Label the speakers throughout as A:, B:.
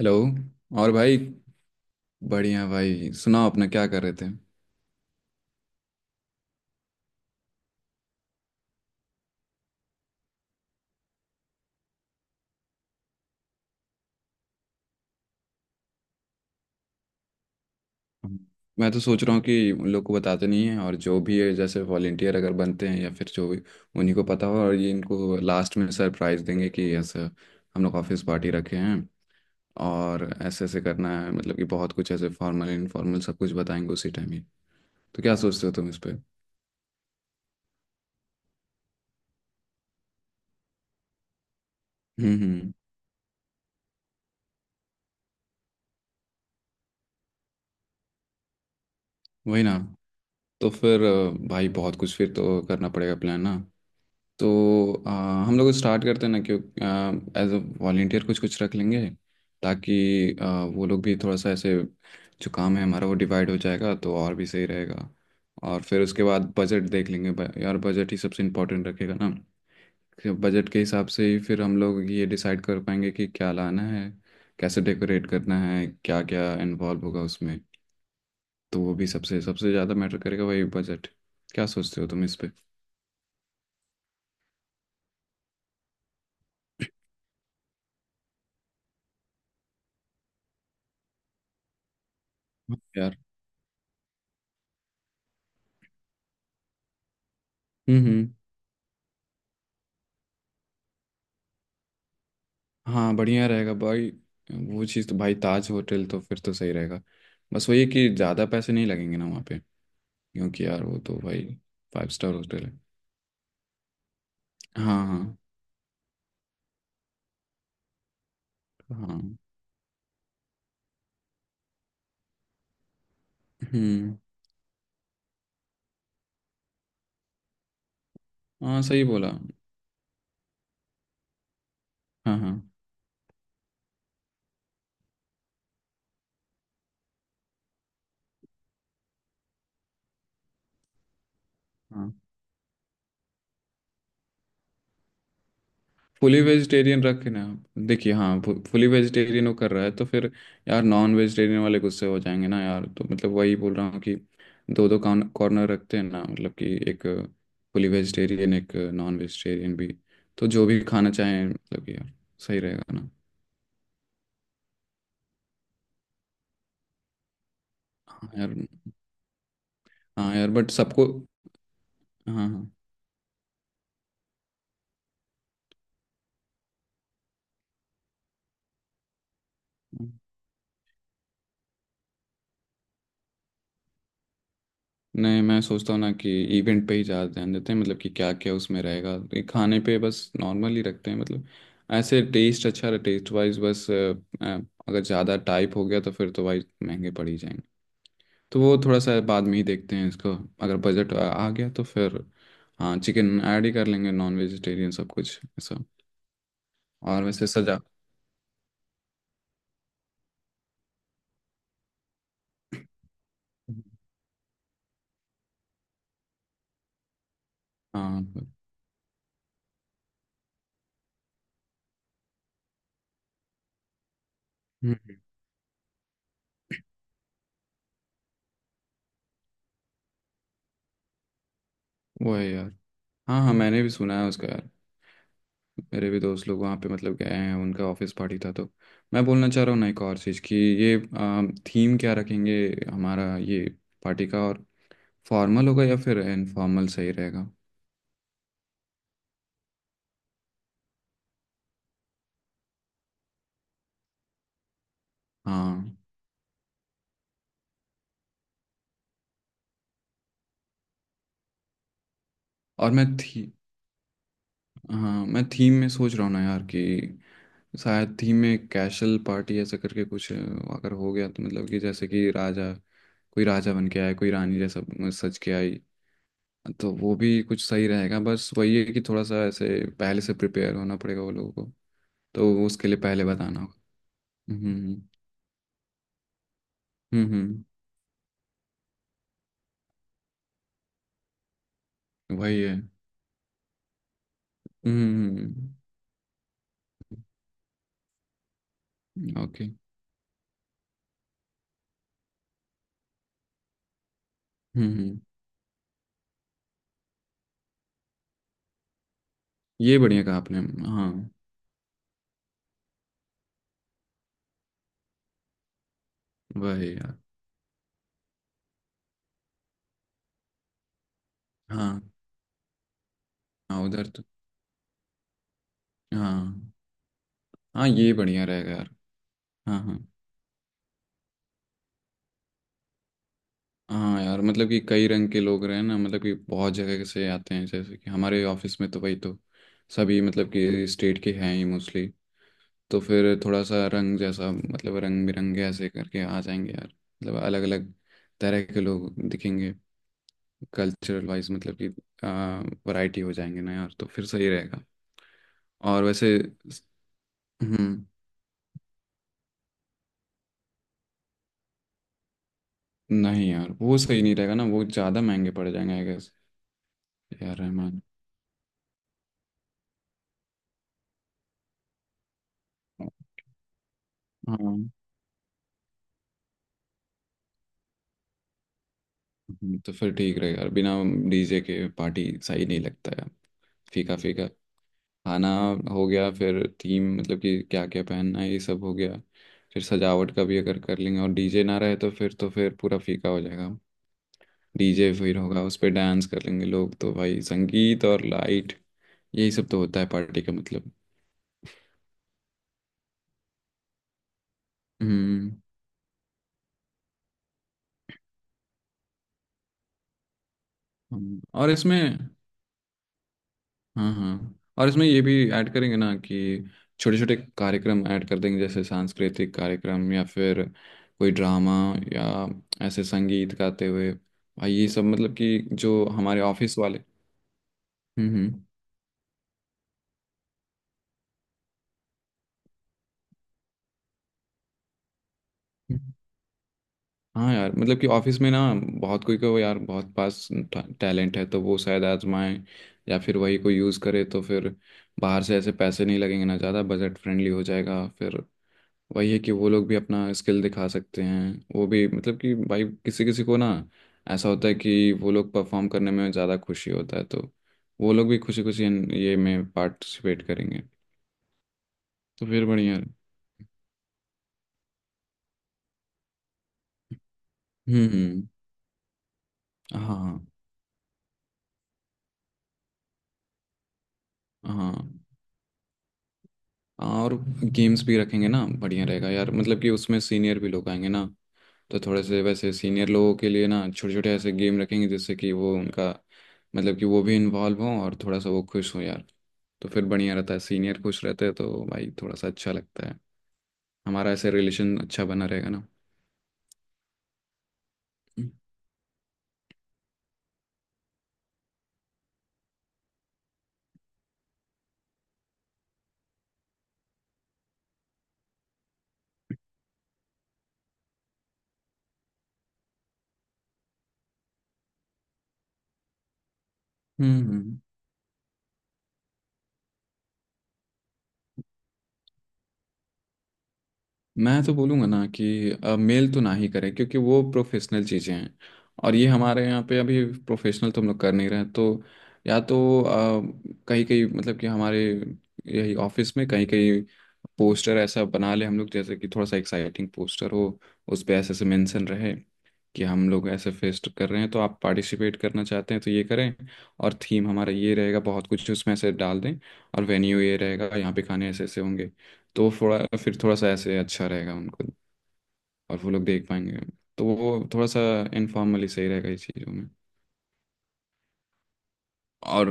A: Hello. और भाई। बढ़िया भाई, सुनाओ अपना क्या कर रहे थे? मैं तो सोच रहा हूँ कि उन लोग को बताते नहीं है, और जो भी है जैसे वॉलेंटियर अगर बनते हैं या फिर जो भी उन्हीं को पता हो, और ये इनको लास्ट में सरप्राइज देंगे कि ऐसा हम लोग ऑफिस पार्टी रखे हैं। और ऐसे ऐसे करना है, मतलब कि बहुत कुछ ऐसे फॉर्मल इनफॉर्मल सब कुछ बताएंगे उसी टाइम ही। तो क्या सोचते हो तुम इस पे? हम्म। हम्म। वही ना। तो फिर भाई बहुत कुछ फिर तो करना पड़ेगा प्लान ना। तो हम लोग स्टार्ट करते हैं ना, क्यों? एज अ वॉलेंटियर कुछ कुछ रख लेंगे, ताकि अ, वो लोग भी थोड़ा सा ऐसे, जो काम है हमारा वो डिवाइड हो जाएगा तो और भी सही रहेगा। और फिर उसके बाद बजट देख लेंगे, यार बजट ही सबसे इम्पोर्टेंट रखेगा ना। बजट के हिसाब से ही फिर हम लोग ये डिसाइड कर पाएंगे कि क्या लाना है, कैसे डेकोरेट करना है, क्या क्या इन्वॉल्व होगा उसमें। तो वो भी सबसे सबसे ज़्यादा मैटर करेगा, वही बजट। क्या सोचते हो तुम इस पे? हाँ यार। हम्म हम्म। हाँ बढ़िया रहेगा भाई। वो चीज़ तो भाई, ताज होटल तो फिर तो सही रहेगा। बस वही है कि ज़्यादा पैसे नहीं लगेंगे ना वहाँ पे, क्योंकि यार वो तो भाई फाइव स्टार होटल है। हाँ हाँ। हाँ। हम्म। हाँ सही बोला। हाँ हाँ। हाँ। फुली वेजिटेरियन रखे ना आप। देखिए हाँ। फुली वेजिटेरियन वो कर रहा है तो फिर यार नॉन वेजिटेरियन वाले गुस्से हो जाएंगे ना यार, तो मतलब वही बोल रहा हूँ कि दो दो कॉर्नर रखते हैं ना, मतलब कि एक फुली वेजिटेरियन, एक नॉन वेजिटेरियन भी। तो जो भी खाना चाहें, मतलब कि यार सही रहेगा ना। हाँ यार। हाँ यार बट सबको। हाँ हाँ। नहीं, मैं सोचता हूँ ना कि इवेंट पे ही ज़्यादा ध्यान देते हैं, मतलब कि क्या क्या उसमें रहेगा, ये खाने पे बस नॉर्मल ही रखते हैं, मतलब ऐसे टेस्ट अच्छा रहे, टेस्ट वाइज बस अ, अगर ज़्यादा टाइप हो गया तो फिर तो भाई महंगे पड़ ही जाएंगे। तो वो थोड़ा सा बाद में ही देखते हैं इसको। अगर बजट आ आ गया तो फिर हाँ चिकन ऐड ही कर लेंगे, नॉन वेजिटेरियन सब कुछ ऐसा। और वैसे सजा। हाँ। हम्म। वो है यार। हाँ हाँ मैंने भी सुना है उसका यार। मेरे भी दोस्त लोग वहाँ पे मतलब गए हैं, उनका ऑफिस पार्टी था। तो मैं बोलना चाह रहा हूँ ना एक और चीज़ कि ये थीम क्या रखेंगे हमारा ये पार्टी का, और फॉर्मल होगा या फिर इनफॉर्मल सही रहेगा? हाँ और मैं थी। हाँ मैं थीम में सोच रहा हूँ ना यार कि शायद थीम में कैशल पार्टी ऐसा करके कुछ अगर हो गया तो, मतलब कि जैसे कि राजा, कोई राजा बन के आए, कोई रानी जैसा सज के आई, तो वो भी कुछ सही रहेगा। बस वही है कि थोड़ा सा ऐसे पहले से प्रिपेयर होना पड़ेगा वो लोगों को, तो उसके लिए पहले बताना होगा। हम्म। हम्म। हम्म। हम्म। वही है। हम्म। ओके। हम्म। okay। हम्म। हम्म। ये बढ़िया कहा आपने। हाँ। वही यार। हाँ। हाँ उधर तो। हाँ। हाँ ये बढ़िया रहेगा यार। हाँ हाँ। हाँ यार मतलब कि कई रंग के लोग रहे हैं ना, मतलब कि बहुत जगह से आते हैं, जैसे कि हमारे ऑफिस में तो वही तो सभी, मतलब कि स्टेट के हैं ही मोस्टली। तो फिर थोड़ा सा रंग जैसा, मतलब रंग बिरंगे ऐसे करके आ जाएंगे यार, मतलब अलग अलग तरह के लोग दिखेंगे। कल्चरल वाइज मतलब कि वैरायटी हो जाएंगे ना यार, तो फिर सही रहेगा। और वैसे। हम्म। नहीं यार वो सही नहीं रहेगा ना, वो ज़्यादा महंगे पड़ जाएंगे आई गेस। यार रहमान। हाँ। हम्म। तो फिर ठीक रहेगा यार, बिना डीजे के पार्टी सही नहीं लगता यार, फीका फीका। खाना हो गया, फिर थीम मतलब कि क्या क्या पहनना है ये सब हो गया, फिर सजावट का भी अगर कर लेंगे, और डीजे ना रहे तो फिर पूरा फीका हो जाएगा। डीजे फिर होगा, उस पर डांस कर लेंगे लोग, तो भाई संगीत और लाइट, यही सब तो होता है पार्टी का मतलब। हम्म। और इसमें। हाँ हाँ, और इसमें ये भी ऐड करेंगे ना कि छोटे छोटे कार्यक्रम ऐड कर देंगे, जैसे सांस्कृतिक कार्यक्रम या फिर कोई ड्रामा या ऐसे संगीत गाते हुए, भाई ये सब मतलब कि जो हमारे ऑफिस वाले। हम्म। हम्म। हाँ यार मतलब कि ऑफिस में ना बहुत कोई को यार बहुत पास टैलेंट है, तो वो शायद आजमाएं या फिर वही को यूज़ करे, तो फिर बाहर से ऐसे पैसे नहीं लगेंगे ना ज़्यादा, बजट फ्रेंडली हो जाएगा फिर। वही है कि वो लोग भी अपना स्किल दिखा सकते हैं, वो भी, मतलब कि भाई किसी किसी को ना ऐसा होता है कि वो लोग परफॉर्म करने में ज़्यादा खुशी होता है, तो वो लोग भी खुशी खुशी ये में पार्टिसिपेट करेंगे। तो फिर बढ़िया है। हम्म। हाँ हाँ। हाँ और गेम्स भी रखेंगे ना, बढ़िया रहेगा यार, मतलब कि उसमें सीनियर भी लोग आएंगे ना, तो थोड़े से वैसे सीनियर लोगों के लिए ना छोटे छोटे ऐसे गेम रखेंगे, जिससे कि वो उनका मतलब कि वो भी इन्वॉल्व हों और थोड़ा सा वो खुश हों यार। तो फिर बढ़िया रहता है, सीनियर खुश रहते हैं तो भाई थोड़ा सा अच्छा लगता है, हमारा ऐसे रिलेशन अच्छा बना रहेगा ना। हम्म। मैं तो बोलूँगा ना कि मेल तो ना ही करें, क्योंकि वो प्रोफेशनल चीज़ें हैं, और ये हमारे यहाँ पे अभी प्रोफेशनल तो हम लोग कर नहीं रहे हैं। तो या तो कहीं कहीं, मतलब कि हमारे यही ऑफिस में कहीं कहीं पोस्टर ऐसा बना ले हम लोग, जैसे कि थोड़ा सा एक्साइटिंग पोस्टर हो, उस पे ऐसे ऐसे मेंशन रहे कि हम लोग ऐसे फेस्ट कर रहे हैं, तो आप पार्टिसिपेट करना चाहते हैं तो ये करें, और थीम हमारा ये रहेगा बहुत कुछ उसमें से डाल दें, और वेन्यू ये रहेगा, यहाँ पे खाने ऐसे ऐसे होंगे, तो थोड़ा फिर थोड़ा सा ऐसे अच्छा रहेगा उनको, और वो लोग देख पाएंगे, तो वो थोड़ा सा इनफॉर्मली सही रहेगा इस चीज़ों में। और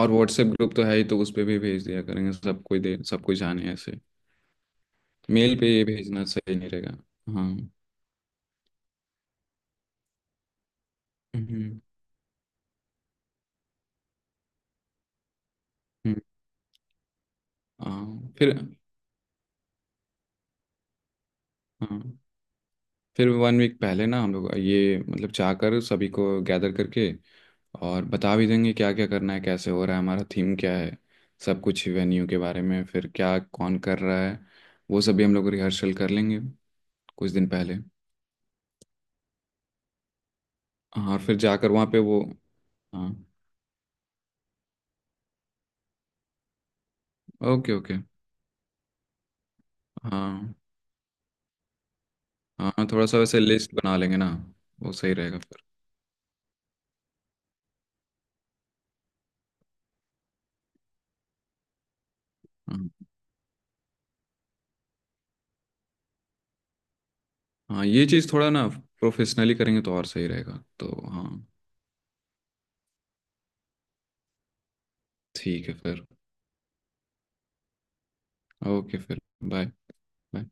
A: और व्हाट्सएप ग्रुप तो है ही, तो उस पर भी भेज दिया करेंगे, सब कोई दे सब कोई जाने ऐसे। मेल पे ये भेजना सही नहीं रहेगा। हाँ। हम्म। हम्म। हाँ फिर। हाँ फिर वन वीक पहले ना हम लोग ये मतलब चाहकर सभी को गैदर करके और बता भी देंगे क्या क्या करना है, कैसे हो रहा है हमारा, थीम क्या है सब कुछ, वेन्यू के बारे में, फिर क्या कौन कर रहा है, वो सभी हम लोग रिहर्सल कर लेंगे कुछ दिन पहले। हाँ और फिर जाकर वहाँ पे वो। हाँ। Okay okay. हाँ। हाँ थोड़ा सा वैसे लिस्ट बना लेंगे ना। वो सही रहेगा फिर। हाँ। हाँ ये चीज़ थोड़ा ना प्रोफेशनली करेंगे तो और सही रहेगा, तो हाँ। ठीक है फिर। ओके फिर। बाय। बाय।